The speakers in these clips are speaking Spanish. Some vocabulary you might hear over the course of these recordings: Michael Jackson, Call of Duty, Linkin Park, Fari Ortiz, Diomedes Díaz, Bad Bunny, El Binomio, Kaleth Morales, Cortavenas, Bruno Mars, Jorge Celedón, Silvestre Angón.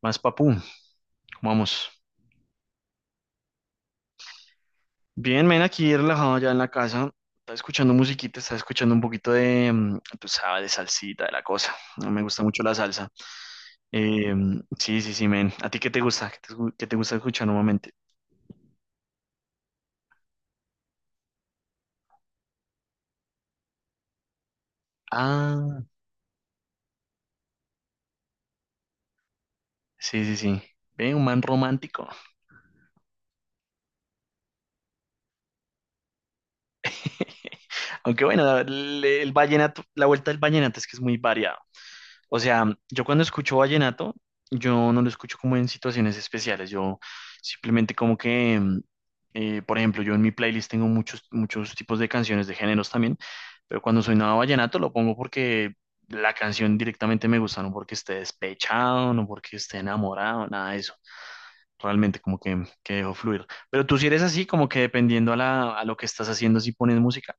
Más papu, ¿cómo vamos? Bien, men, aquí relajado ya en la casa. Estaba escuchando musiquita, estaba escuchando un poquito de, tú sabes, de salsita, de la cosa. No me gusta mucho la salsa. Eh, sí, sí, sí, men. ¿A ti qué te gusta? ¿Qué qué te gusta escuchar normalmente? Ah, sí, sí, sí. Ve, un man romántico. Aunque bueno, el vallenato, la vuelta del vallenato es que es muy variado. O sea, yo cuando escucho vallenato, yo no lo escucho como en situaciones especiales, yo simplemente como que, por ejemplo, yo en mi playlist tengo muchos, muchos tipos de canciones de géneros también, pero cuando soy nada vallenato lo pongo porque la canción directamente me gusta, no porque esté despechado, no porque esté enamorado, nada de eso. Realmente como que, que dejo fluir. Pero tú si eres así, como que dependiendo a lo que estás haciendo, si pones música.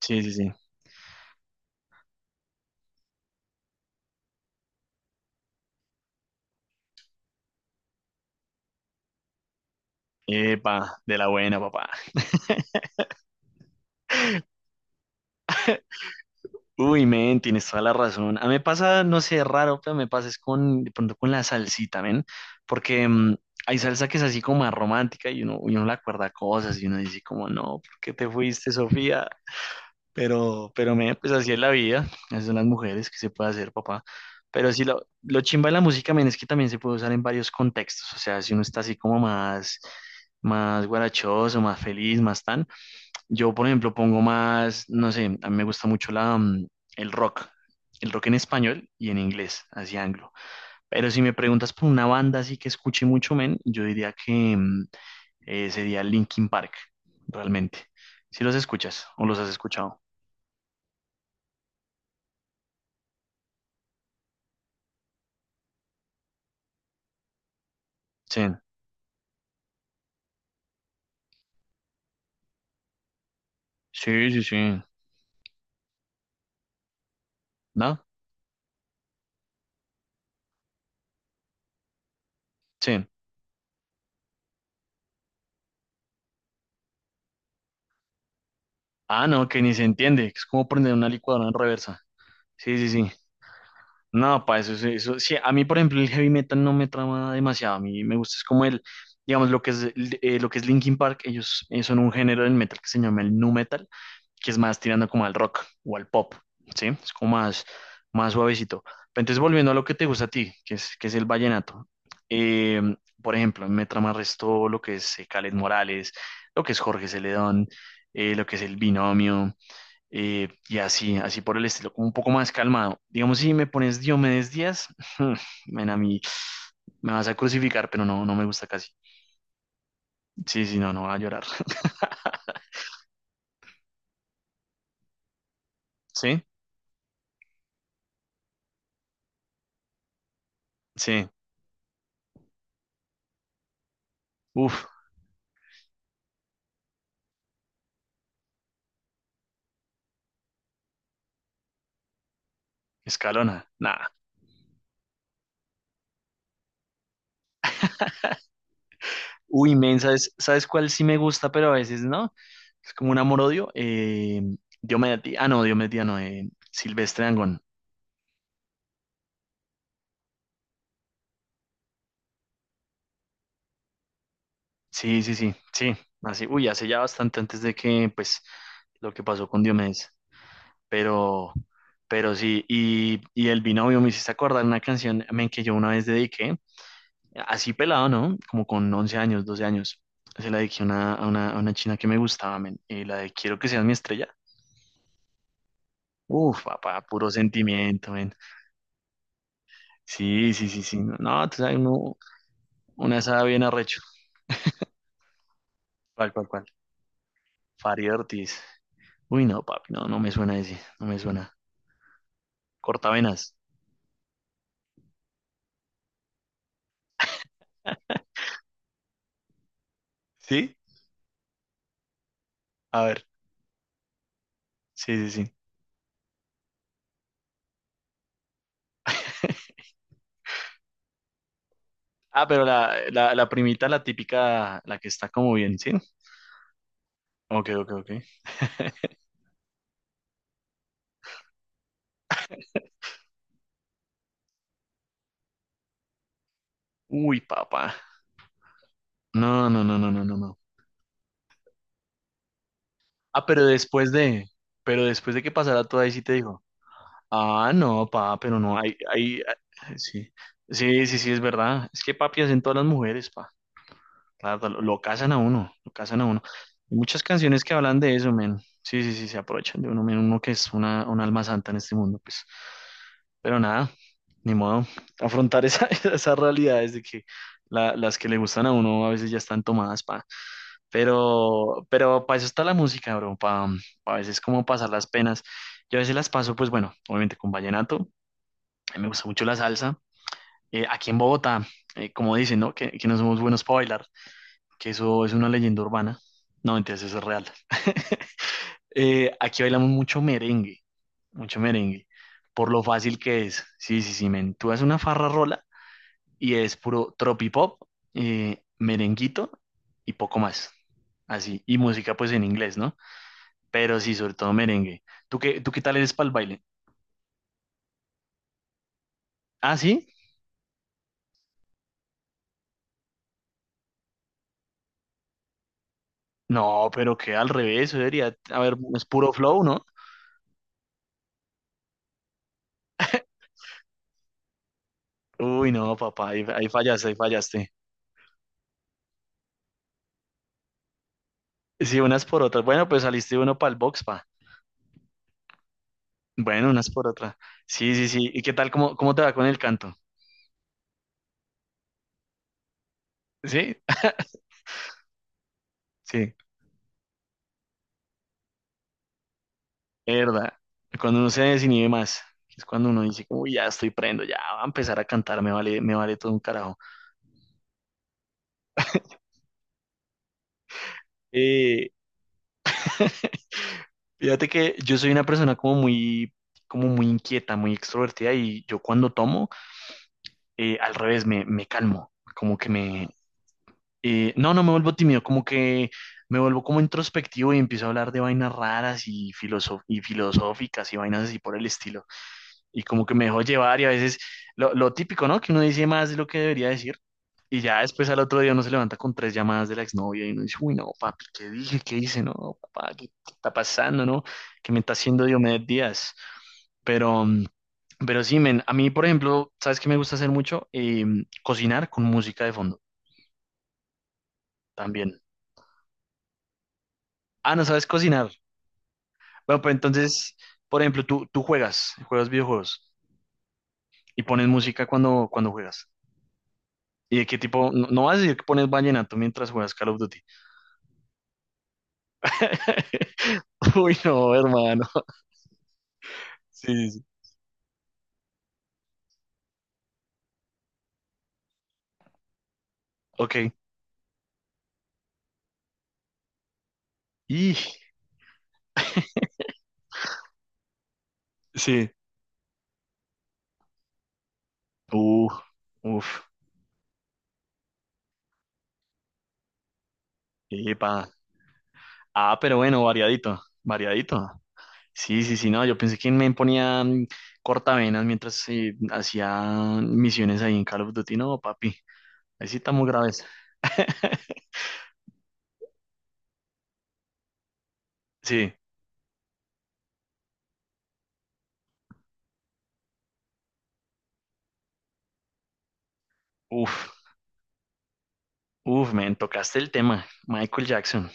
Sí, sí, sí. Epa, de la buena, papá. Uy, men, tienes toda la razón. A mí me pasa, no sé, raro, pero me pasa es con, de pronto con la salsita, men, porque hay salsa que es así como más romántica y uno, le acuerda cosas y uno dice como, no, ¿por qué te fuiste, Sofía? Pero, men, pues así es la vida, así son las mujeres, ¿que se puede hacer, papá? Pero sí, lo chimba de la música, men, es que también se puede usar en varios contextos, o sea, si uno está así como más, guarachoso, más feliz, más tan. Yo, por ejemplo, pongo más, no sé, a mí me gusta mucho el rock, el rock en español y en inglés, así anglo. Pero si me preguntas por una banda así que escuche mucho, men, yo diría que sería Linkin Park, realmente. Si los escuchas o los has escuchado. Sí, sí, sí, sí. ¿No? Sí. Ah, no, que ni se entiende, que es como prender una licuadora en reversa. Sí, sí, sí. No, para eso, eso, sí, a mí, por ejemplo, el heavy metal no me trama demasiado, a mí me gusta, es como el, digamos, lo que es Linkin Park, ellos son un género del metal que se llama el nu metal, que es más tirando como al rock o al pop, ¿sí? Es como más suavecito. Pero entonces, volviendo a lo que te gusta a ti, que es el vallenato, eh, por ejemplo, me trama resto lo que es Kaleth Morales, lo que es Jorge Celedón, lo que es El Binomio, y así, así por el estilo, como un poco más calmado. Digamos, si me pones Diomedes Díaz, ven a mí, me vas a crucificar, pero no, no me gusta casi. Sí, sí, no, no va a llorar. Sí, sí, uf, Escalona, nada. Uy, men, ¿sabes cuál sí me gusta, pero a veces no? Es como un amor-odio. Diomedes Díaz, ah, no, Diomedes Díaz, no, Silvestre Angón. Sí, sí, sí, sí, así, uy, hace ya bastante antes de que, pues, lo que pasó con Diomedes. pero, pero sí, y el binomio me hiciste acordar una canción, men, que yo una vez dediqué, así pelado, ¿no? Como con 11 años, 12 años. Se la dediqué a una china que me gustaba, men, y la de Quiero que seas mi estrella. Uf, papá, puro sentimiento, men. Sí, sí, sí, sí. No, no, tú sabes, uno, una sabe bien arrecho. ¿Cuál, cuál, cuál? Fari Ortiz. Uy, no, papi, no, no me suena ese, no me suena. Cortavenas. ¿Sí? A ver, sí, sí, sí. Ah, pero la primita, la típica, la que está como bien, ¿sí? Ok, ok, ok. Uy, papá. No, no, no, no, no, no, no. Ah, pero después de, que pasara todo ahí sí te dijo. Ah, no, pa, pero no, ahí, ahí, ah, sí. Sí, sí, sí, es verdad. Es que papi hacen todas las mujeres. Claro, lo casan a uno, lo casan a uno. Hay muchas canciones que hablan de eso, men. Sí, sí, sí, se aprovechan de uno, men, uno que es una, un alma santa en este mundo, pues. Pero nada, ni modo. Afrontar esa, esas realidades de que las que le gustan a uno a veces ya están tomadas, pa. Pero para eso está la música, bro, para a veces como pasar las penas. Yo a veces las paso, pues bueno, obviamente con vallenato. A mí me gusta mucho la salsa. Aquí en Bogotá, como dicen, ¿no? Que no somos buenos para bailar, que eso es una leyenda urbana. No, entonces eso es real. Aquí bailamos mucho merengue, por lo fácil que es. Sí, sí, sí, men. Tú haces una farra rola y es puro tropipop, merenguito y poco más. Así. Y música, pues en inglés, ¿no? Pero sí, sobre todo merengue. ¿Tú qué tal eres para el baile? ¿Ah, sí? No, pero que al revés, eso debería. A ver, es puro flow, ¿no? Uy, no, papá, ahí, ahí fallaste, ahí fallaste. Sí, unas por otras. Bueno, pues saliste uno para el box, pa. Bueno, unas por otra. Sí, sí, sí. ¿Y qué tal? ¿Cómo, cómo te va con el canto? ¿Sí? Sí, verdad. Cuando uno se desinhibe más, es cuando uno dice, uy, ya estoy prendo, ya va a empezar a cantar, me vale todo un carajo. Eh, Fíjate que yo soy una persona como muy inquieta, muy extrovertida y yo cuando tomo, al revés, me calmo, como que me... no, no me vuelvo tímido, como que me vuelvo como introspectivo y empiezo a hablar de vainas raras y, filoso y filosóficas y vainas así por el estilo. Y como que me dejó llevar y a veces lo típico, ¿no? Que uno dice más de lo que debería decir y ya después al otro día uno se levanta con tres llamadas de la exnovia y uno dice, uy, no, papi, ¿qué dije? ¿Qué hice? No, papá, ¿qué está pasando, ¿no? ¿Qué me está haciendo Diomedes Díaz? Pero, mm, pero sí, men, a mí, por ejemplo, ¿sabes qué me gusta hacer mucho? Cocinar con música de fondo también. Ah, ¿no sabes cocinar? Bueno, pues entonces, por ejemplo, tú juegas videojuegos y pones música cuando juegas. ¿Y de qué tipo? No, no vas a decir que pones vallenato mientras juegas Call of Duty. Uy, no, hermano. Sí, sí, sí. Ok. Y sí. Uh, Uf. Epa. Ah, pero bueno, variadito. Variadito. Sí, sí, sí, no. Yo pensé que me ponía cortavenas mientras hacía misiones ahí en Call of Duty. No, papi. Ahí sí estamos graves. Sí. Uf. Uf, me tocaste el tema. Michael Jackson.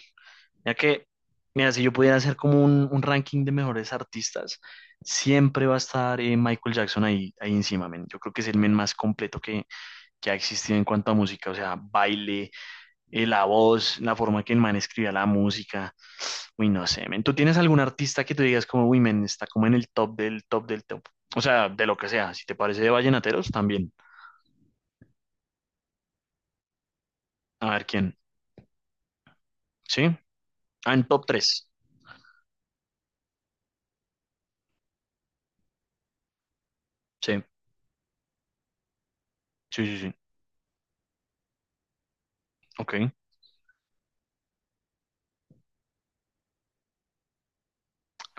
Ya que, mira, si yo pudiera hacer como un ranking de mejores artistas, siempre va a estar Michael Jackson ahí, ahí encima, men. Yo creo que es el men más completo que ha existido en cuanto a música, o sea, baile, la voz, la forma que el man escribía la música. Uy, no sé, men. ¿Tú tienes algún artista que tú digas como, uy, men, está como en el top del top del top? O sea, de lo que sea. Si te parece de vallenateros, también. A ver quién. ¿Sí? Ah, en top tres. Sí, sí, sí, sí. Ok.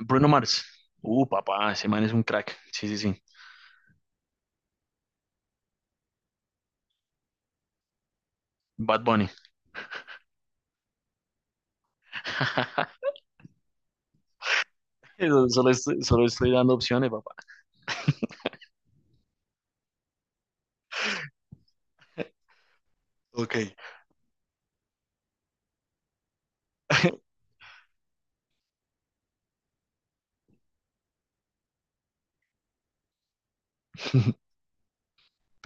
Bruno Mars. Papá, ese man es un crack. Sí, sí, sí. Bad Bunny. Eso, solo estoy dando opciones, papá. Ok.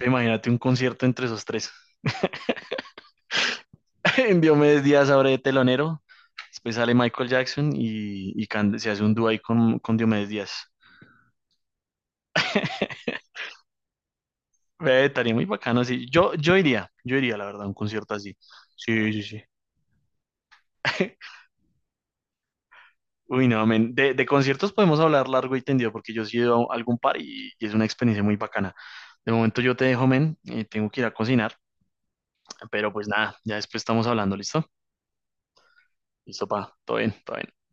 Imagínate un concierto entre esos tres. En Diomedes Díaz abre de telonero, después sale Michael Jackson y se hace un dúo ahí con Diomedes Díaz. Ve, estaría muy bacano así. Yo iría, la verdad, a un concierto así. Sí, sí, sí. Uy, no, men. De conciertos podemos hablar largo y tendido porque yo sí he ido a algún par y es una experiencia muy bacana. De momento yo te dejo, men, y tengo que ir a cocinar, pero pues nada, ya después estamos hablando, ¿listo? Listo, pa, todo bien, todo bien.